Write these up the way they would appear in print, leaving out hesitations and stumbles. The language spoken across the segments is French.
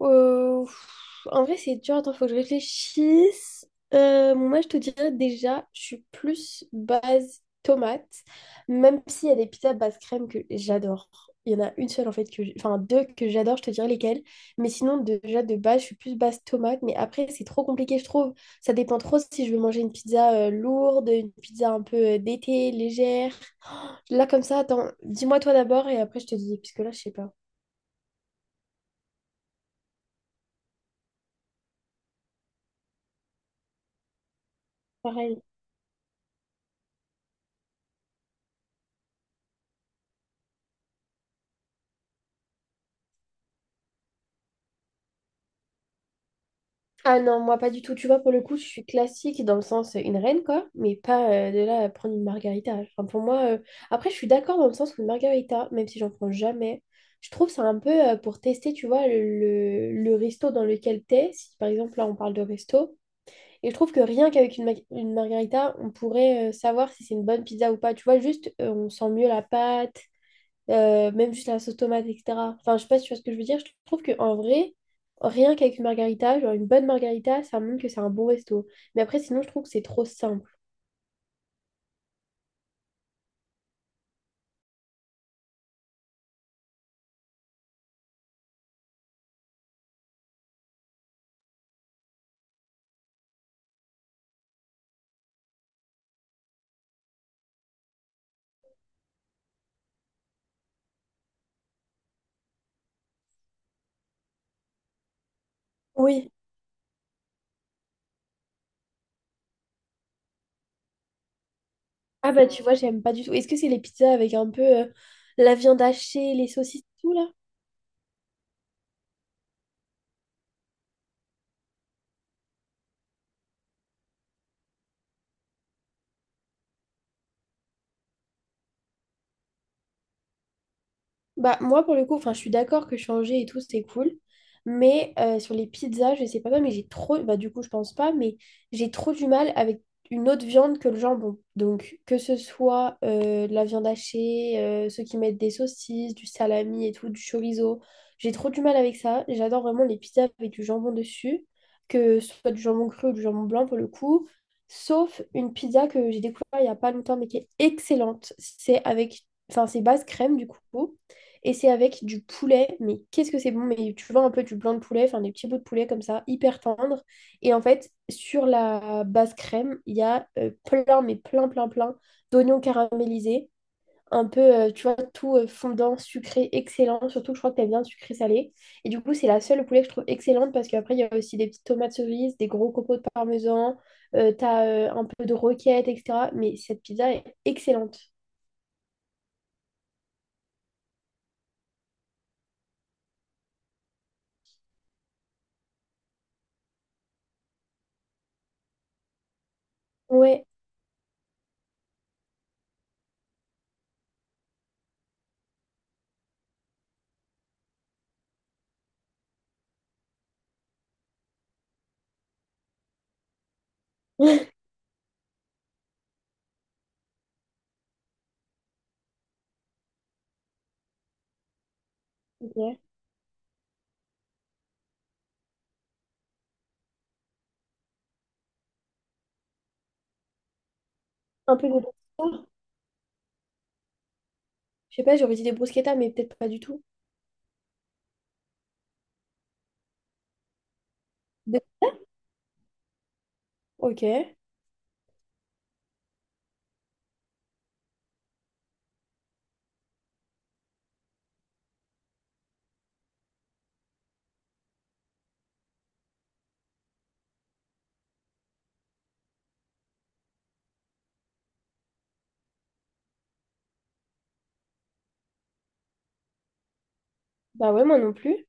En vrai, c'est dur. Attends, faut que je réfléchisse. Bon, moi, je te dirais déjà, je suis plus base tomate, même s'il y a des pizzas base crème que j'adore. Il y en a une seule, en fait, que enfin deux que j'adore, je te dirais lesquelles. Mais sinon, déjà, de base, je suis plus base tomate. Mais après, c'est trop compliqué, je trouve. Ça dépend trop si je veux manger une pizza lourde, une pizza un peu d'été, légère. Là, comme ça, attends, dis-moi toi d'abord et après, je te dis, puisque là, je sais pas. Pareil. Ah non, moi pas du tout. Tu vois, pour le coup, je suis classique dans le sens une reine, quoi, mais pas de là à prendre une margarita. Enfin, pour moi, après, je suis d'accord dans le sens où une margarita, même si j'en prends jamais, je trouve ça un peu pour tester, tu vois, le resto dans lequel t'es. Si par exemple, là, on parle de resto, et je trouve que rien qu'avec une margarita, on pourrait savoir si c'est une bonne pizza ou pas. Tu vois, juste, on sent mieux la pâte, même juste la sauce tomate, etc. Enfin, je sais pas si tu vois ce que je veux dire. Je trouve qu'en vrai, rien qu'avec une margarita, genre une bonne margarita, ça montre que c'est un bon resto. Mais après, sinon, je trouve que c'est trop simple. Oui. Ah bah tu vois, j'aime pas du tout. Est-ce que c'est les pizzas avec un peu la viande hachée, les saucisses, tout là? Bah, moi, pour le coup, enfin, je suis d'accord que changer et tout, c'est cool. Mais sur les pizzas, je sais pas, mais j'ai trop. Bah, du coup, je pense pas, mais j'ai trop du mal avec une autre viande que le jambon. Donc, que ce soit de la viande hachée, ceux qui mettent des saucisses, du salami et tout, du chorizo. J'ai trop du mal avec ça. J'adore vraiment les pizzas avec du jambon dessus, que ce soit du jambon cru ou du jambon blanc pour le coup. Sauf une pizza que j'ai découvert il y a pas longtemps, mais qui est excellente. C'est avec. Enfin, c'est base crème du coup. Et c'est avec du poulet, mais qu'est-ce que c'est bon, mais tu vois un peu du blanc de poulet, enfin des petits bouts de poulet comme ça, hyper tendres. Et en fait, sur la base crème, il y a plein, mais plein, plein, plein d'oignons caramélisés, un peu, tu vois, tout fondant, sucré, excellent. Surtout que je crois que t'aimes bien le sucré salé. Et du coup, c'est la seule poulet que je trouve excellente parce qu'après, il y a aussi des petites tomates cerises, des gros copeaux de parmesan, t'as un peu de roquette, etc. Mais cette pizza est excellente. Ouais. Ok. Un peu de... Je sais pas, j'aurais dit des bruschettas, mais peut-être pas du tout. Des- Ok. Bah ouais, moi non plus.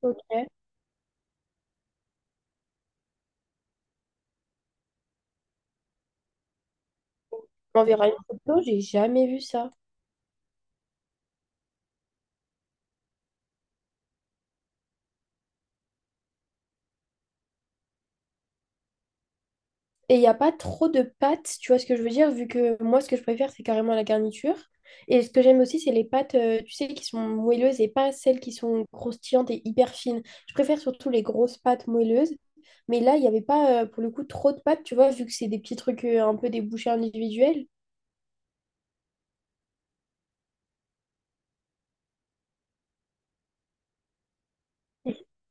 Ok. On verra une photo, j'ai jamais vu ça. Et il n'y a pas trop de pâtes, tu vois ce que je veux dire, vu que moi, ce que je préfère, c'est carrément la garniture. Et ce que j'aime aussi, c'est les pâtes, tu sais, qui sont moelleuses et pas celles qui sont croustillantes et hyper fines. Je préfère surtout les grosses pâtes moelleuses. Mais là, il n'y avait pas, pour le coup, trop de pâtes, tu vois, vu que c'est des petits trucs un peu des bouchées individuelles.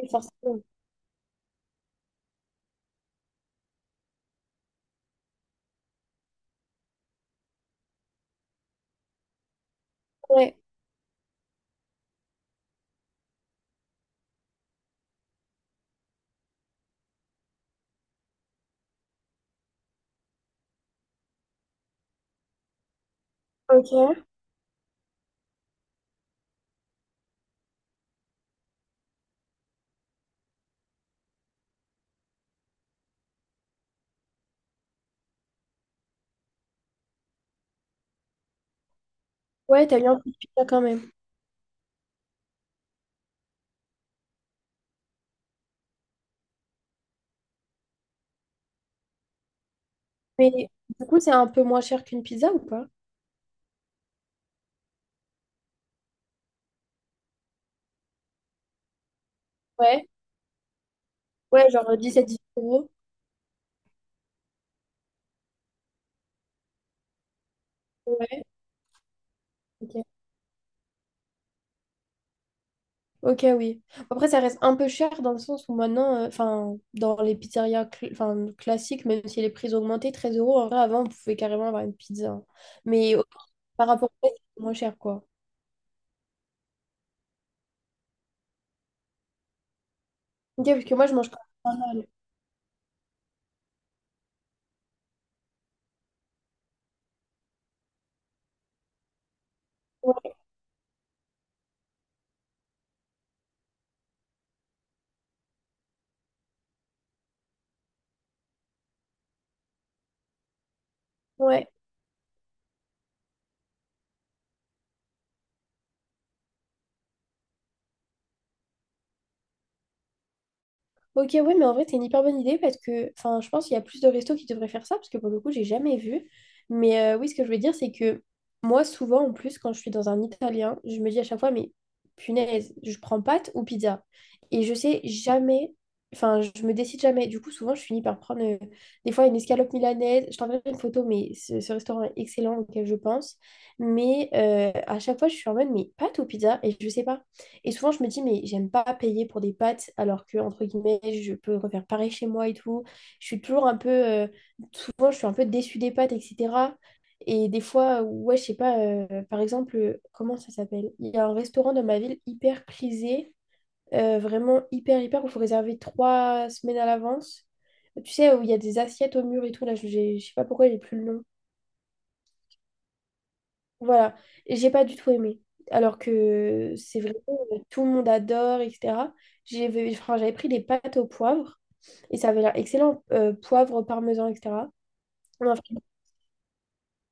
Et forcément- Ouais. Ok. Ouais, t'as eu un peu de pizza quand même. Mais du coup, c'est un peu moins cher qu'une pizza ou pas? Ouais, ouais, genre 17-18 euros. Ouais, ok. Ok, oui. Après, ça reste un peu cher dans le sens où maintenant, enfin, dans les pizzerias 'fin, classiques, même si les prix ont augmenté, 13 euros, en vrai, avant, on pouvait carrément avoir une pizza. Hein. Mais par rapport au prix, c'est moins cher, quoi. Ok, parce que moi, je mange quand même pas mal. Ouais, ouais. Ok, ouais, mais en vrai, c'est une hyper bonne idée parce que, enfin, je pense qu'il y a plus de restos qui devraient faire ça parce que pour le coup, j'ai jamais vu. Mais oui, ce que je veux dire, c'est que moi, souvent, en plus, quand je suis dans un italien, je me dis à chaque fois, mais punaise, je prends pâte ou pizza? Et je sais jamais, enfin, je me décide jamais. Du coup, souvent, je finis par prendre des fois une escalope milanaise. Je t'enverrai une photo, mais ce restaurant est excellent auquel je pense. Mais à chaque fois, je suis en mode, mais pâte ou pizza? Et je sais pas. Et souvent, je me dis, mais j'aime pas payer pour des pâtes alors que, entre guillemets, je peux refaire pareil chez moi et tout. Je suis toujours un peu. Souvent, je suis un peu déçue des pâtes, etc. Et des fois, ouais, je sais pas, par exemple, comment ça s'appelle? Il y a un restaurant dans ma ville hyper prisé, vraiment hyper, hyper, où il faut réserver 3 semaines à l'avance. Tu sais, où il y a des assiettes au mur et tout, là, je sais pas pourquoi j'ai plus le nom. Voilà, et j'ai pas du tout aimé. Alors que c'est vrai, tout le monde adore, etc. J'avais pris des pâtes au poivre et ça avait l'air excellent, poivre, parmesan, etc. On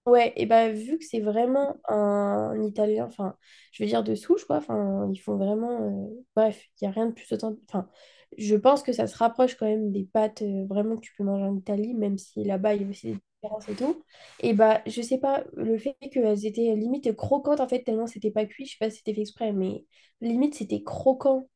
Ouais, et bah vu que c'est vraiment un Italien, enfin, je veux dire de souche, quoi, enfin, ils font vraiment. Bref, il n'y a rien de plus authentique. Enfin, je pense que ça se rapproche quand même des pâtes vraiment que tu peux manger en Italie, même si là-bas, il y a aussi des différences et tout. Et bah, je sais pas, le fait qu'elles étaient limite croquantes, en fait, tellement c'était pas cuit, je sais pas si c'était fait exprès, mais limite, c'était croquant.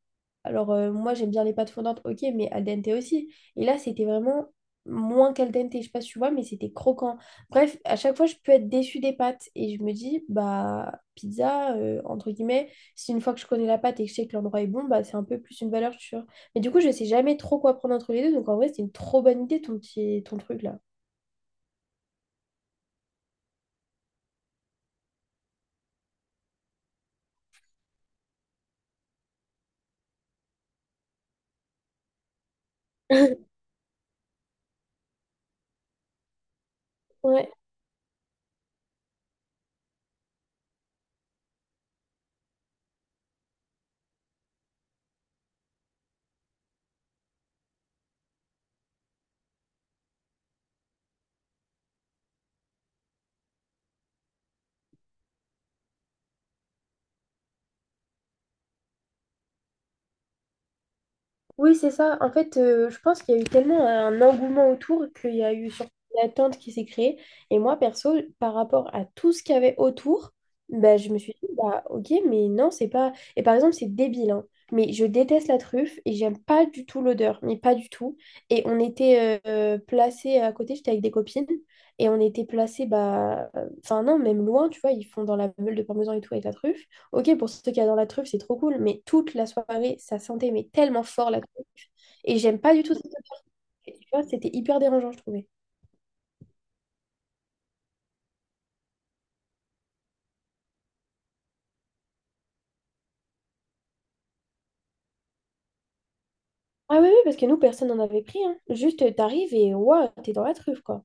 Alors, moi, j'aime bien les pâtes fondantes, ok, mais al dente aussi. Et là, c'était vraiment moins qu'al dente, je sais pas si tu vois, mais c'était croquant. Bref, à chaque fois, je peux être déçue des pâtes. Et je me dis, bah, pizza, entre guillemets, si une fois que je connais la pâte et que je sais que l'endroit est bon, bah, c'est un peu plus une valeur sûre. Mais du coup, je sais jamais trop quoi prendre entre les deux. Donc, en vrai, c'est une trop bonne idée, ton truc là. Ouais. Oui, c'est ça. En fait, je pense qu'il y a eu tellement un engouement autour qu'il y a eu surtout une attente qui s'est créée. Et moi, perso, par rapport à tout ce qu'il y avait autour, bah, je me suis dit, bah, ok, mais non, c'est pas. Et par exemple, c'est débile, hein, mais je déteste la truffe et j'aime pas du tout l'odeur, mais pas du tout. Et on était placés à côté, j'étais avec des copines, et on était placés, bah, enfin, non, même loin, tu vois, ils font dans la meule de parmesan et tout avec la truffe. Ok, pour ceux qui adorent la truffe, c'est trop cool, mais toute la soirée, ça sentait mais tellement fort la truffe. Et j'aime pas du tout cette odeur. Tu vois, c'était hyper dérangeant, je trouvais. Ah oui, oui, parce que nous, personne n'en avait pris, hein. Juste, t'arrives et waouh, t'es dans la truffe, quoi.